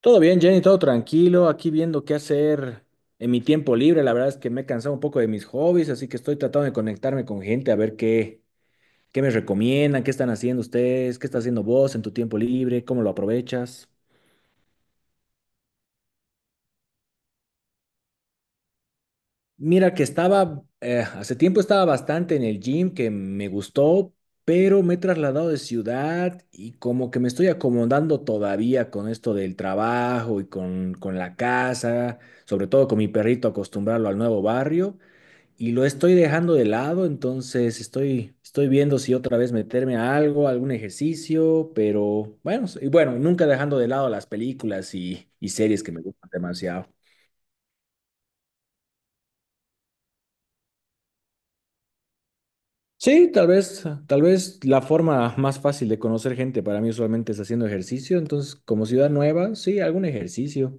Todo bien, Jenny, todo tranquilo, aquí viendo qué hacer en mi tiempo libre. La verdad es que me he cansado un poco de mis hobbies, así que estoy tratando de conectarme con gente a ver qué me recomiendan, qué están haciendo ustedes, qué está haciendo vos en tu tiempo libre, cómo lo aprovechas. Mira que estaba, hace tiempo estaba bastante en el gym, que me gustó, pero me he trasladado de ciudad y como que me estoy acomodando todavía con esto del trabajo y con la casa, sobre todo con mi perrito, acostumbrarlo al nuevo barrio, y lo estoy dejando de lado. Entonces estoy viendo si otra vez meterme a algo, algún ejercicio, pero bueno, bueno, nunca dejando de lado las películas y series que me gustan demasiado. Sí, tal vez la forma más fácil de conocer gente para mí usualmente es haciendo ejercicio, entonces como ciudad nueva, sí, algún ejercicio.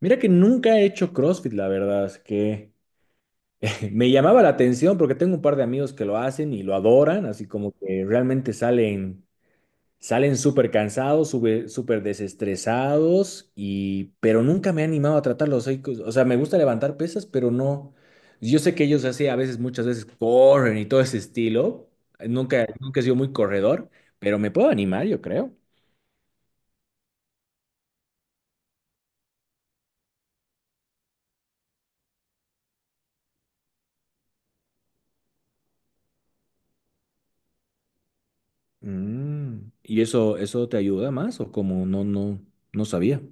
Mira que nunca he hecho CrossFit, la verdad, es que me llamaba la atención porque tengo un par de amigos que lo hacen y lo adoran, así como que realmente Salen súper cansados, súper desestresados, pero nunca me he animado a tratarlos. O sea, me gusta levantar pesas, pero no. Yo sé que ellos así a veces, muchas veces corren y todo ese estilo. Nunca he sido muy corredor, pero me puedo animar, yo creo. Mm, ¿y eso te ayuda más o como no sabía?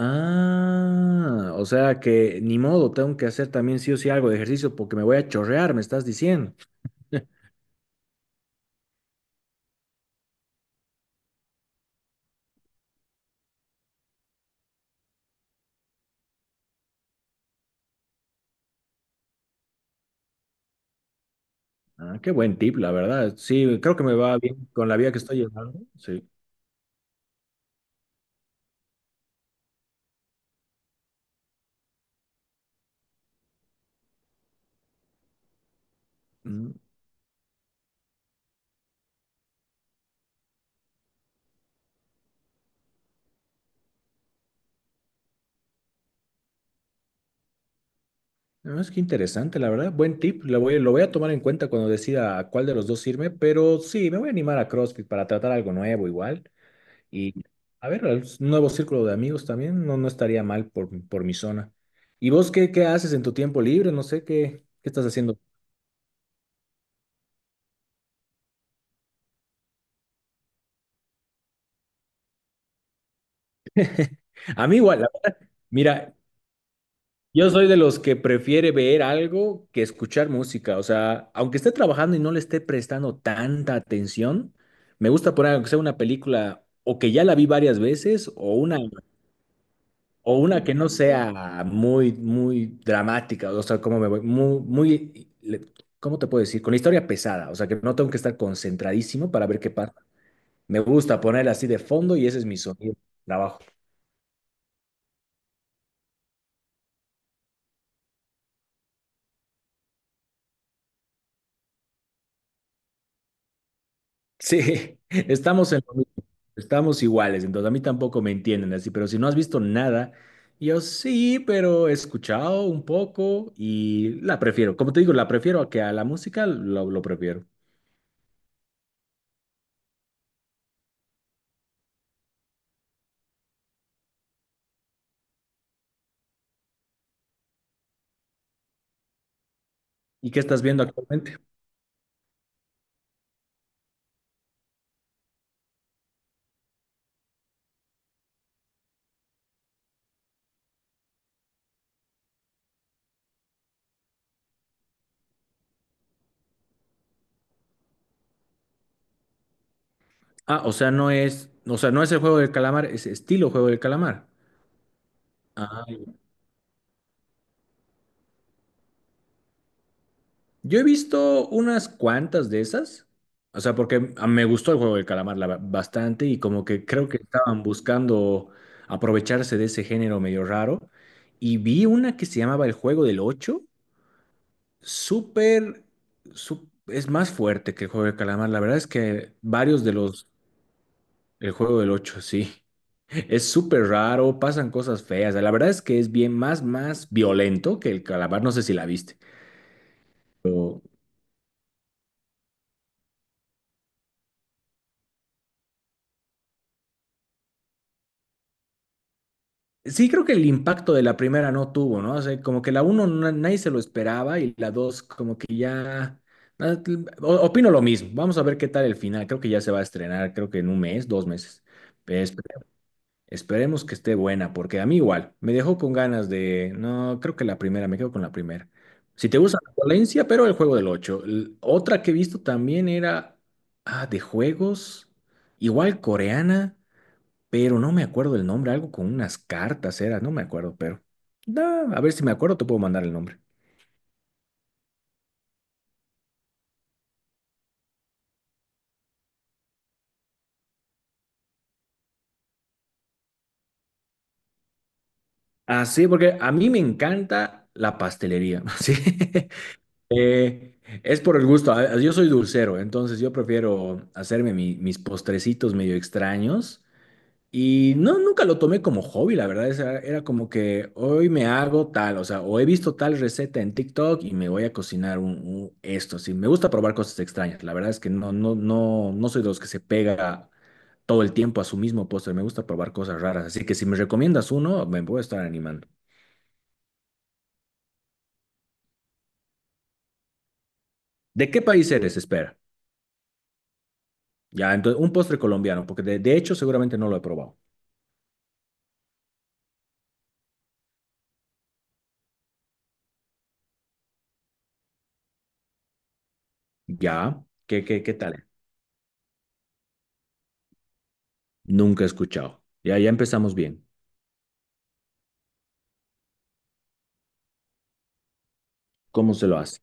Ah, o sea que ni modo, tengo que hacer también sí o sí algo de ejercicio porque me voy a chorrear, me estás diciendo. Ah, qué buen tip, la verdad. Sí, creo que me va bien con la vía que estoy llevando. Sí. Mm. No, es que interesante, la verdad. Buen tip. Lo voy a tomar en cuenta cuando decida a cuál de los dos irme, pero sí, me voy a animar a CrossFit para tratar algo nuevo igual. Y a ver, un nuevo círculo de amigos también. No, no estaría mal por mi zona. ¿Y vos qué haces en tu tiempo libre? No sé qué estás haciendo. A mí igual, mira, yo soy de los que prefiere ver algo que escuchar música. O sea, aunque esté trabajando y no le esté prestando tanta atención, me gusta poner aunque sea una película o que ya la vi varias veces, o una que no sea muy, muy dramática. O sea, como me voy, ¿cómo te puedo decir? Con la historia pesada. O sea, que no tengo que estar concentradísimo para ver qué pasa. Me gusta poner así de fondo y ese es mi sonido. De Trabajo. Sí, estamos en lo mismo, estamos iguales, entonces a mí tampoco me entienden así, pero si no has visto nada, yo sí, pero he escuchado un poco y la prefiero, como te digo, la prefiero a que a la música lo prefiero. ¿Y qué estás viendo actualmente? Ah, o sea, no es el juego del calamar, es estilo juego del calamar. Ah, yo he visto unas cuantas de esas, o sea, porque me gustó el juego del calamar bastante, y como que creo que estaban buscando aprovecharse de ese género medio raro. Y vi una que se llamaba El Juego del Ocho, súper, es más fuerte que el juego del calamar, la verdad es que varios el Juego del Ocho, sí, es súper raro, pasan cosas feas, la verdad es que es bien más violento que el calamar, no sé si la viste. Sí, creo que el impacto de la primera no tuvo, ¿no? O sea, como que la uno nadie se lo esperaba y la dos como que ya... na- Opino lo mismo. Vamos a ver qué tal el final. Creo que ya se va a estrenar, creo que en un mes, dos meses. Pero esperemos que esté buena, porque a mí igual, me dejó con ganas de... No, creo que la primera, me quedo con la primera. Si te gusta la violencia, pero el juego del 8. Otra que he visto también era... Ah, de juegos, igual coreana, pero no me acuerdo el nombre, algo con unas cartas era, no me acuerdo, pero da, a ver si me acuerdo, te puedo mandar el nombre. Ah, sí, porque a mí me encanta la pastelería, sí. Eh, es por el gusto, yo soy dulcero, entonces yo prefiero hacerme mis postrecitos medio extraños. Y no, nunca lo tomé como hobby, la verdad. O sea, era como que hoy me hago tal, o sea, o he visto tal receta en TikTok y me voy a cocinar un esto. Sí, me gusta probar cosas extrañas. La verdad es que no soy de los que se pega todo el tiempo a su mismo postre. Me gusta probar cosas raras. Así que si me recomiendas uno, me voy a estar animando. ¿De qué país eres? Espera. Ya, entonces, un postre colombiano, porque de hecho seguramente no lo he probado. Ya, ¿ qué tal? Nunca he escuchado. Ya, ya empezamos bien. ¿Cómo se lo hace?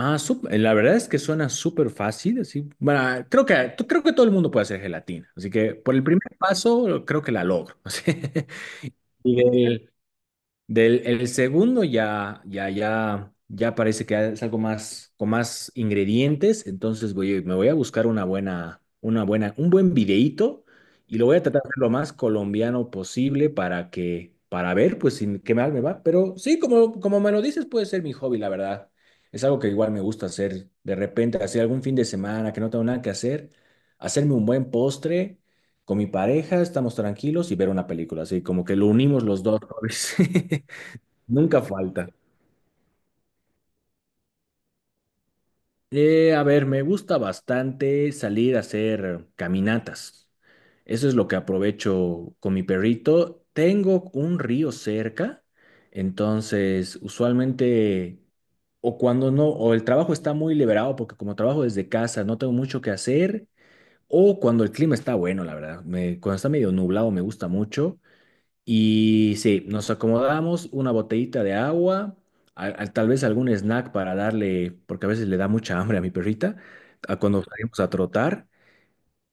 Ah, la verdad es que suena súper fácil, así. Bueno, creo que creo que todo el mundo puede hacer gelatina, así que por el primer paso creo que la logro. así. Y del el segundo ya, ya parece que es algo más, con más ingredientes, entonces me voy a buscar una buena, un buen videíto y lo voy a tratar de hacer lo más colombiano posible para que, para ver, pues, sin qué mal me va. Pero sí, como me lo dices, puede ser mi hobby, la verdad. Es algo que igual me gusta hacer de repente, hacer algún fin de semana que no tengo nada que hacer, hacerme un buen postre con mi pareja, estamos tranquilos y ver una película, así como que lo unimos los dos hobbies. Nunca falta. A ver, me gusta bastante salir a hacer caminatas. Eso es lo que aprovecho con mi perrito. Tengo un río cerca, entonces usualmente o cuando no, o el trabajo está muy liberado porque como trabajo desde casa no tengo mucho que hacer, o cuando el clima está bueno, la verdad. Cuando está medio nublado me gusta mucho. Y sí, nos acomodamos una botellita de agua, tal vez algún snack para darle, porque a veces le da mucha hambre a mi perrita, a cuando salimos a trotar,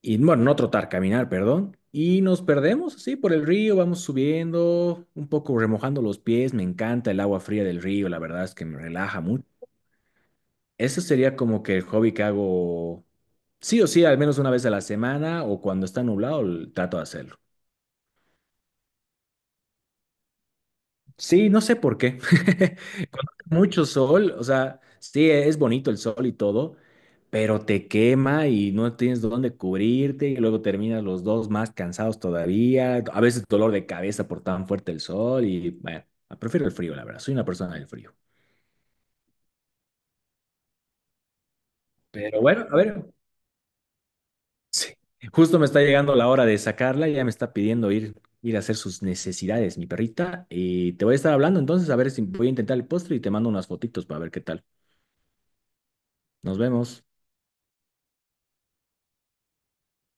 y bueno, no trotar, caminar, perdón, y nos perdemos así por el río, vamos subiendo, un poco remojando los pies, me encanta el agua fría del río, la verdad es que me relaja mucho. Eso sería como que el hobby que hago, sí o sí, al menos una vez a la semana o cuando está nublado, trato de hacerlo. Sí, no sé por qué. Cuando hace mucho sol, o sea, sí, es bonito el sol y todo, pero te quema y no tienes dónde cubrirte y luego terminas los dos más cansados todavía. A veces dolor de cabeza por tan fuerte el sol, y bueno, prefiero el frío, la verdad. Soy una persona del frío. Pero bueno, a ver, sí. Justo me está llegando la hora de sacarla, ya me está pidiendo ir a hacer sus necesidades, mi perrita, y te voy a estar hablando entonces a ver si voy a intentar el postre y te mando unas fotitos para ver qué tal. Nos vemos.